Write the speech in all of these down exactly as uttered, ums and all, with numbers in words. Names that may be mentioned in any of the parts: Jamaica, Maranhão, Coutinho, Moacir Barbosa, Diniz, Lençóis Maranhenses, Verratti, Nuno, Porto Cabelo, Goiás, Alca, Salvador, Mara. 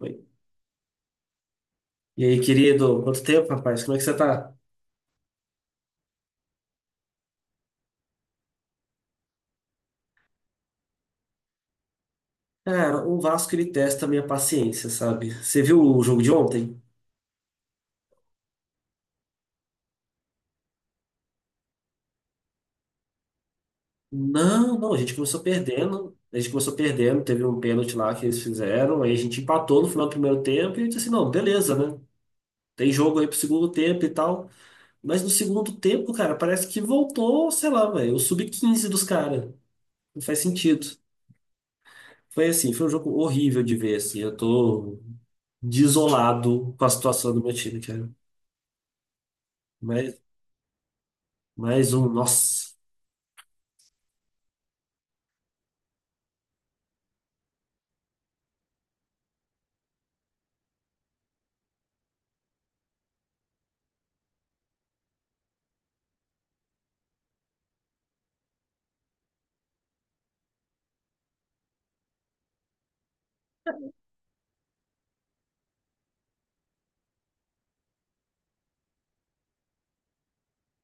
Oi. E aí, querido, quanto tempo, rapaz? Como é que você tá? Cara, o Vasco ele testa a minha paciência, sabe? Você viu o jogo de ontem? Não, não, a gente começou perdendo. A gente começou perdendo, teve um pênalti lá que eles fizeram, aí a gente empatou no final do primeiro tempo e eu disse assim, não, beleza, né? Tem jogo aí pro segundo tempo e tal. Mas no segundo tempo, cara, parece que voltou, sei lá, velho, o sub quinze dos caras. Não faz sentido. Foi assim, foi um jogo horrível de ver, assim. Eu tô desolado com a situação do meu time, cara. Mas Mais um, nossa.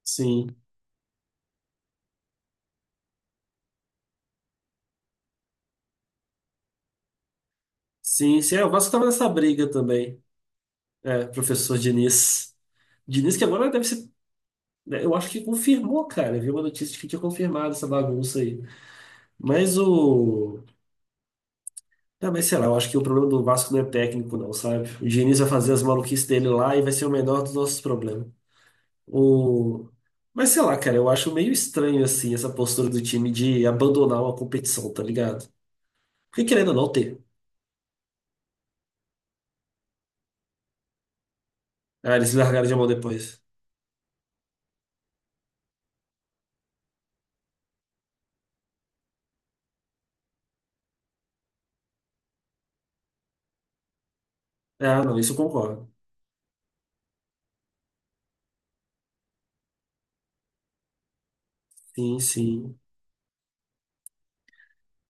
Sim. Sim, sim. É, o Vasco tava nessa briga também. É, professor Diniz. Diniz que agora deve ser. Né, eu acho que confirmou, cara. Eu vi uma notícia de que tinha confirmado essa bagunça aí. Mas o. Ah, mas sei lá, eu acho que o problema do Vasco não é técnico, não, sabe? O Diniz vai fazer as maluquices dele lá e vai ser o menor dos nossos problemas. O... Mas sei lá, cara, eu acho meio estranho, assim, essa postura do time de abandonar uma competição, tá ligado? Porque querendo ou não ter. Ah, eles largaram de mão depois. Ah, não, isso eu concordo. Sim, sim.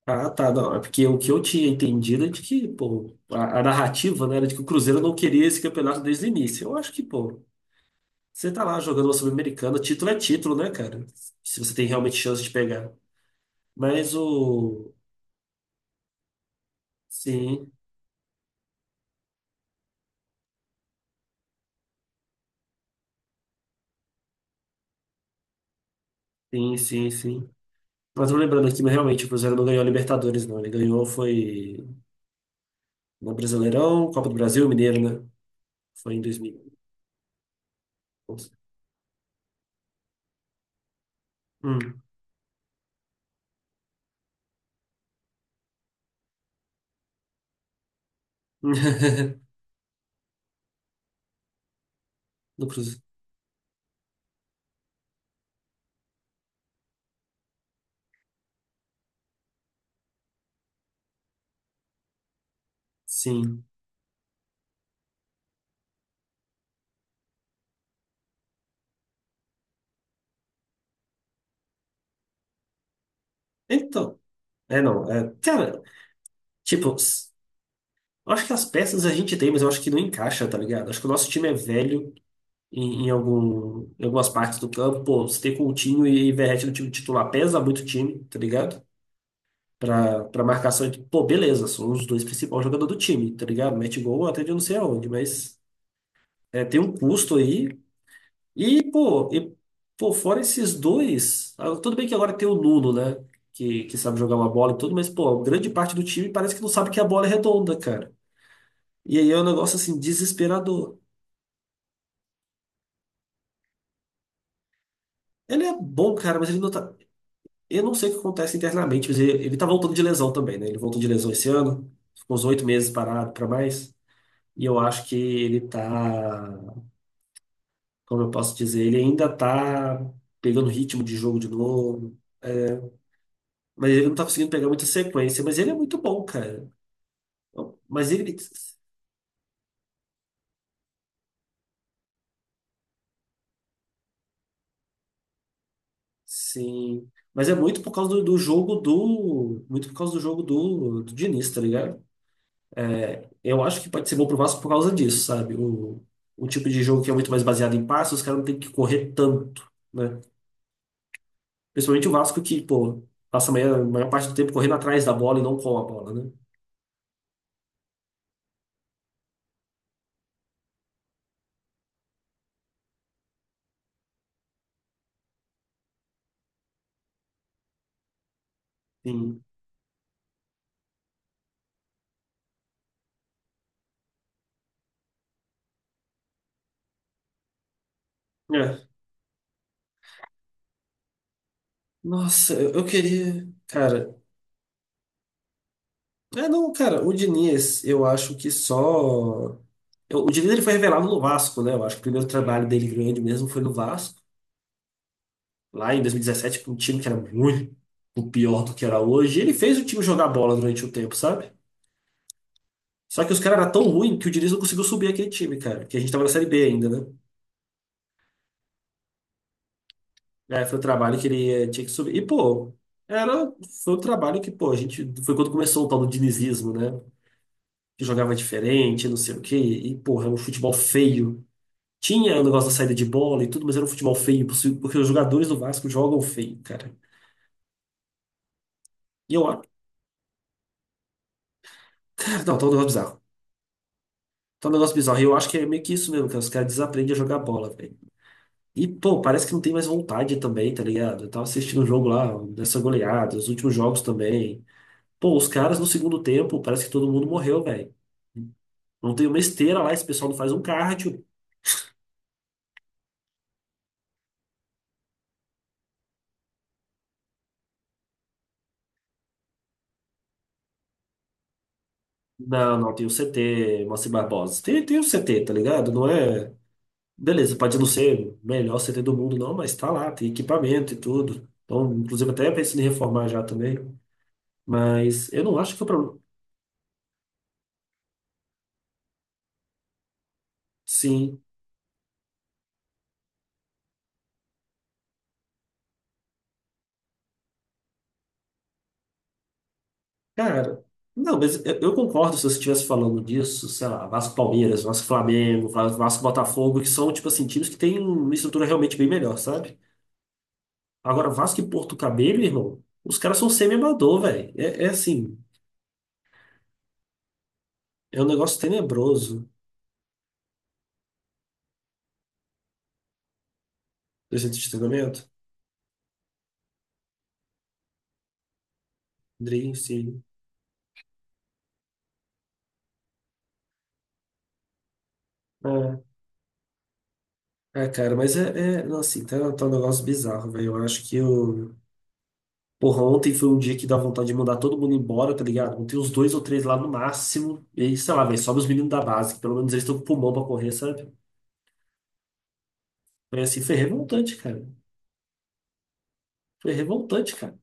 Ah, tá, não. É porque o que eu tinha entendido é de que, pô, a, a narrativa, né, era de que o Cruzeiro não queria esse campeonato desde o início. Eu acho que, pô, você tá lá jogando uma Sul-Americana, título é título, né, cara? Se você tem realmente chance de pegar. Mas o. Sim, sim, sim, sim. Mas eu lembrando aqui, mas realmente o Cruzeiro não ganhou a Libertadores, não. Ele ganhou foi no Brasileirão, Copa do Brasil e Mineiro, né? Foi em dois mil e onze. Hum. No Cruzeiro. Sim. Então. É, não. É, cara, tipo, s- eu acho que as peças a gente tem, mas eu acho que não encaixa, tá ligado? Acho que o nosso time é velho em, em algum, em algumas partes do campo. Pô, você tem Coutinho e Verratti no time titular, pesa muito o time, tá ligado? Pra, pra marcação. e- Pô, beleza, são os dois principais jogadores do time, tá ligado? Mete gol até de não sei aonde, mas é, tem um custo aí. E, pô, e, pô, fora esses dois, ah, tudo bem que agora tem o Nuno, né? Que, que sabe jogar uma bola e tudo, mas, pô, grande parte do time parece que não sabe que a bola é redonda, cara. E aí é um negócio assim desesperador. Ele é bom, cara, mas ele não tá. Eu não sei o que acontece internamente, mas ele, ele tá voltando de lesão também, né? Ele voltou de lesão esse ano, ficou uns oito meses parado pra mais. E eu acho que ele tá, como eu posso dizer, ele ainda tá pegando ritmo de jogo de novo. É, Mas ele não tá conseguindo pegar muita sequência, mas ele é muito bom, cara. Mas ele. Sim. Mas é muito por causa do, do jogo do. Muito por causa do jogo do, do Diniz, tá ligado? É, eu acho que pode ser bom pro Vasco por causa disso, sabe? O, o tipo de jogo que é muito mais baseado em passes, os caras não têm que correr tanto, né? Principalmente o Vasco que, pô, passa a maior, a maior parte do tempo correndo atrás da bola e não com a bola, né? Sim. É. Nossa, eu, eu queria. Cara. É, não, cara, o Diniz, eu acho que só. eu- o Diniz ele foi revelado no Vasco, né? Eu acho que o primeiro trabalho dele grande mesmo foi no Vasco, lá em dois mil e dezessete, com um time que era muito pior do que era hoje. E ele fez o time jogar bola durante o tempo, sabe? Só que os caras eram tão ruins que o Diniz não conseguiu subir aquele time, cara. Que a gente tava na Série B ainda, né? Aí foi um trabalho que ele eh, tinha que subir. E, pô, era, foi um trabalho que, pô, a gente. Foi quando começou o tal do dinizismo, né? Que jogava diferente, não sei o quê. E, porra, era um futebol feio. Tinha o negócio da saída de bola e tudo, mas era um futebol feio, possi- porque os jogadores do Vasco jogam feio, cara. E eu acho. Cara, não, tá um negócio bizarro. Tá um negócio bizarro. E eu acho que é meio que isso mesmo, cara. Os caras desaprendem a jogar bola, velho. E, pô, parece que não tem mais vontade também, tá ligado? Eu tava assistindo o jogo lá, dessa goleada, os últimos jogos também. Pô, os caras no segundo tempo, parece que todo mundo morreu, velho. Não tem uma esteira lá, esse pessoal não faz um cardio. Não, não, tem o C T, Moacir Barbosa. Tem, tem o C T, tá ligado? Não é. Beleza, pode não ser o melhor C T do mundo, não, mas tá lá, tem equipamento e tudo. Então, inclusive, até pensando em reformar já também. Mas eu não acho que o problema. Sim, cara, não, mas eu, eu concordo se você estivesse falando disso, sei lá, Vasco Palmeiras, Vasco Flamengo, Va- Vasco Botafogo, que são, tipo assim, times que têm uma estrutura realmente bem melhor, sabe? Agora, Vasco e Porto Cabelo, irmão, os caras são semi-amador, velho. É, é assim, é um negócio tenebroso. Do centro de treinamento? Dream, sim. É, é, cara, mas é, é não, assim, tá, tá um negócio bizarro, velho. Eu acho que o. Porra, ontem foi um dia que dá vontade de mandar todo mundo embora, tá ligado? Tem uns dois ou três lá no máximo. E aí, sei lá, velho, sobe os meninos da base, que pelo menos eles estão com pulmão pra correr, sabe? Foi assim, foi revoltante, cara. Foi revoltante, cara.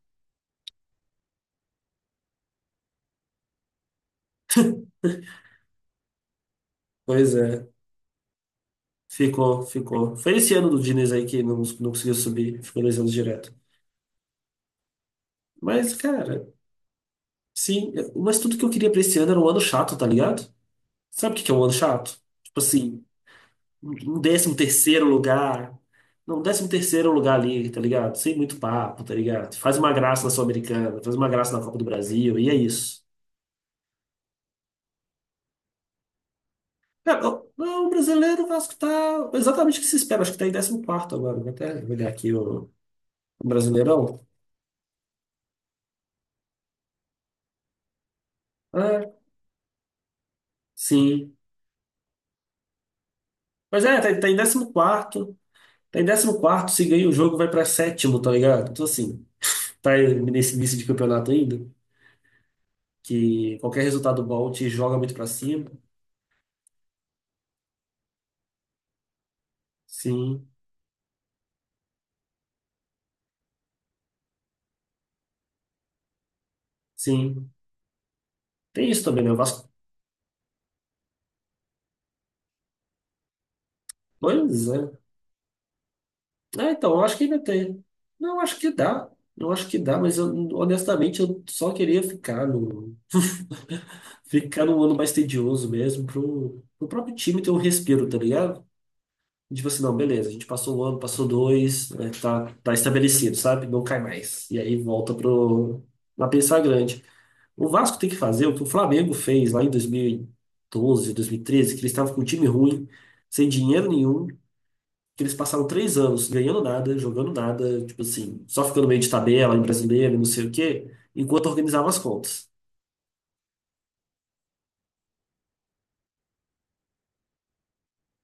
Pois é, ficou, ficou. Foi esse ano do Diniz aí que não, não conseguiu subir, ficou dois anos direto. Mas, cara, sim, mas tudo que eu queria pra esse ano era um ano chato, tá ligado? Sabe o que que é um ano chato? Tipo assim, um décimo terceiro lugar. Não, um décimo terceiro lugar ali, tá ligado? Sem muito papo, tá ligado? Faz uma graça na Sul-Americana, faz uma graça na Copa do Brasil, e é isso. Cara, o não, o brasileiro, o Vasco tá exatamente o que se espera, acho que tá em décimo quarto agora. Vou até olhar aqui o, o, Brasileirão. É, sim. Mas é, tá, tá em décimo quarto. Tá em décimo quarto, se ganha o jogo, vai pra sétimo, tá ligado? Então, assim, tá aí nesse início de campeonato ainda, que qualquer resultado bom te joga muito pra cima. Sim. Sim. Tem isso também, né? O Vasco. Pois é. Ah, então, eu acho que ainda tem. Não, eu acho que dá. Eu acho que dá, mas eu, honestamente eu só queria ficar no, ficar num ano mais tedioso mesmo, pro, pro próprio time ter um respiro, tá ligado? Tipo assim, não, beleza, a gente passou um ano, passou dois, né, tá, tá estabelecido, sabe? Não cai mais. E aí volta pro, na pensar grande. O Vasco tem que fazer o que o Flamengo fez lá em dois mil e doze, treze que eles estavam com um time ruim, sem dinheiro nenhum. Que eles passaram três anos ganhando nada, jogando nada, tipo assim, só ficando meio de tabela em brasileiro, e não sei o quê, enquanto organizavam as contas.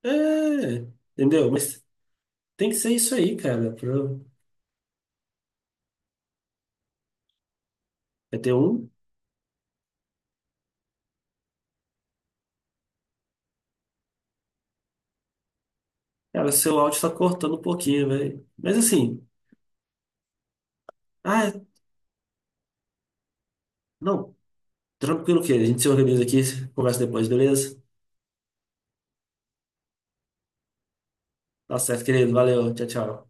É, entendeu? Mas tem que ser isso aí, cara. Pra... Vai ter um. Cara, seu áudio tá cortando um pouquinho, velho. Mas assim, ah, não, tranquilo que a gente se organiza aqui, conversa depois, beleza? Tá certo, querido. Valeu, tchau, tchau.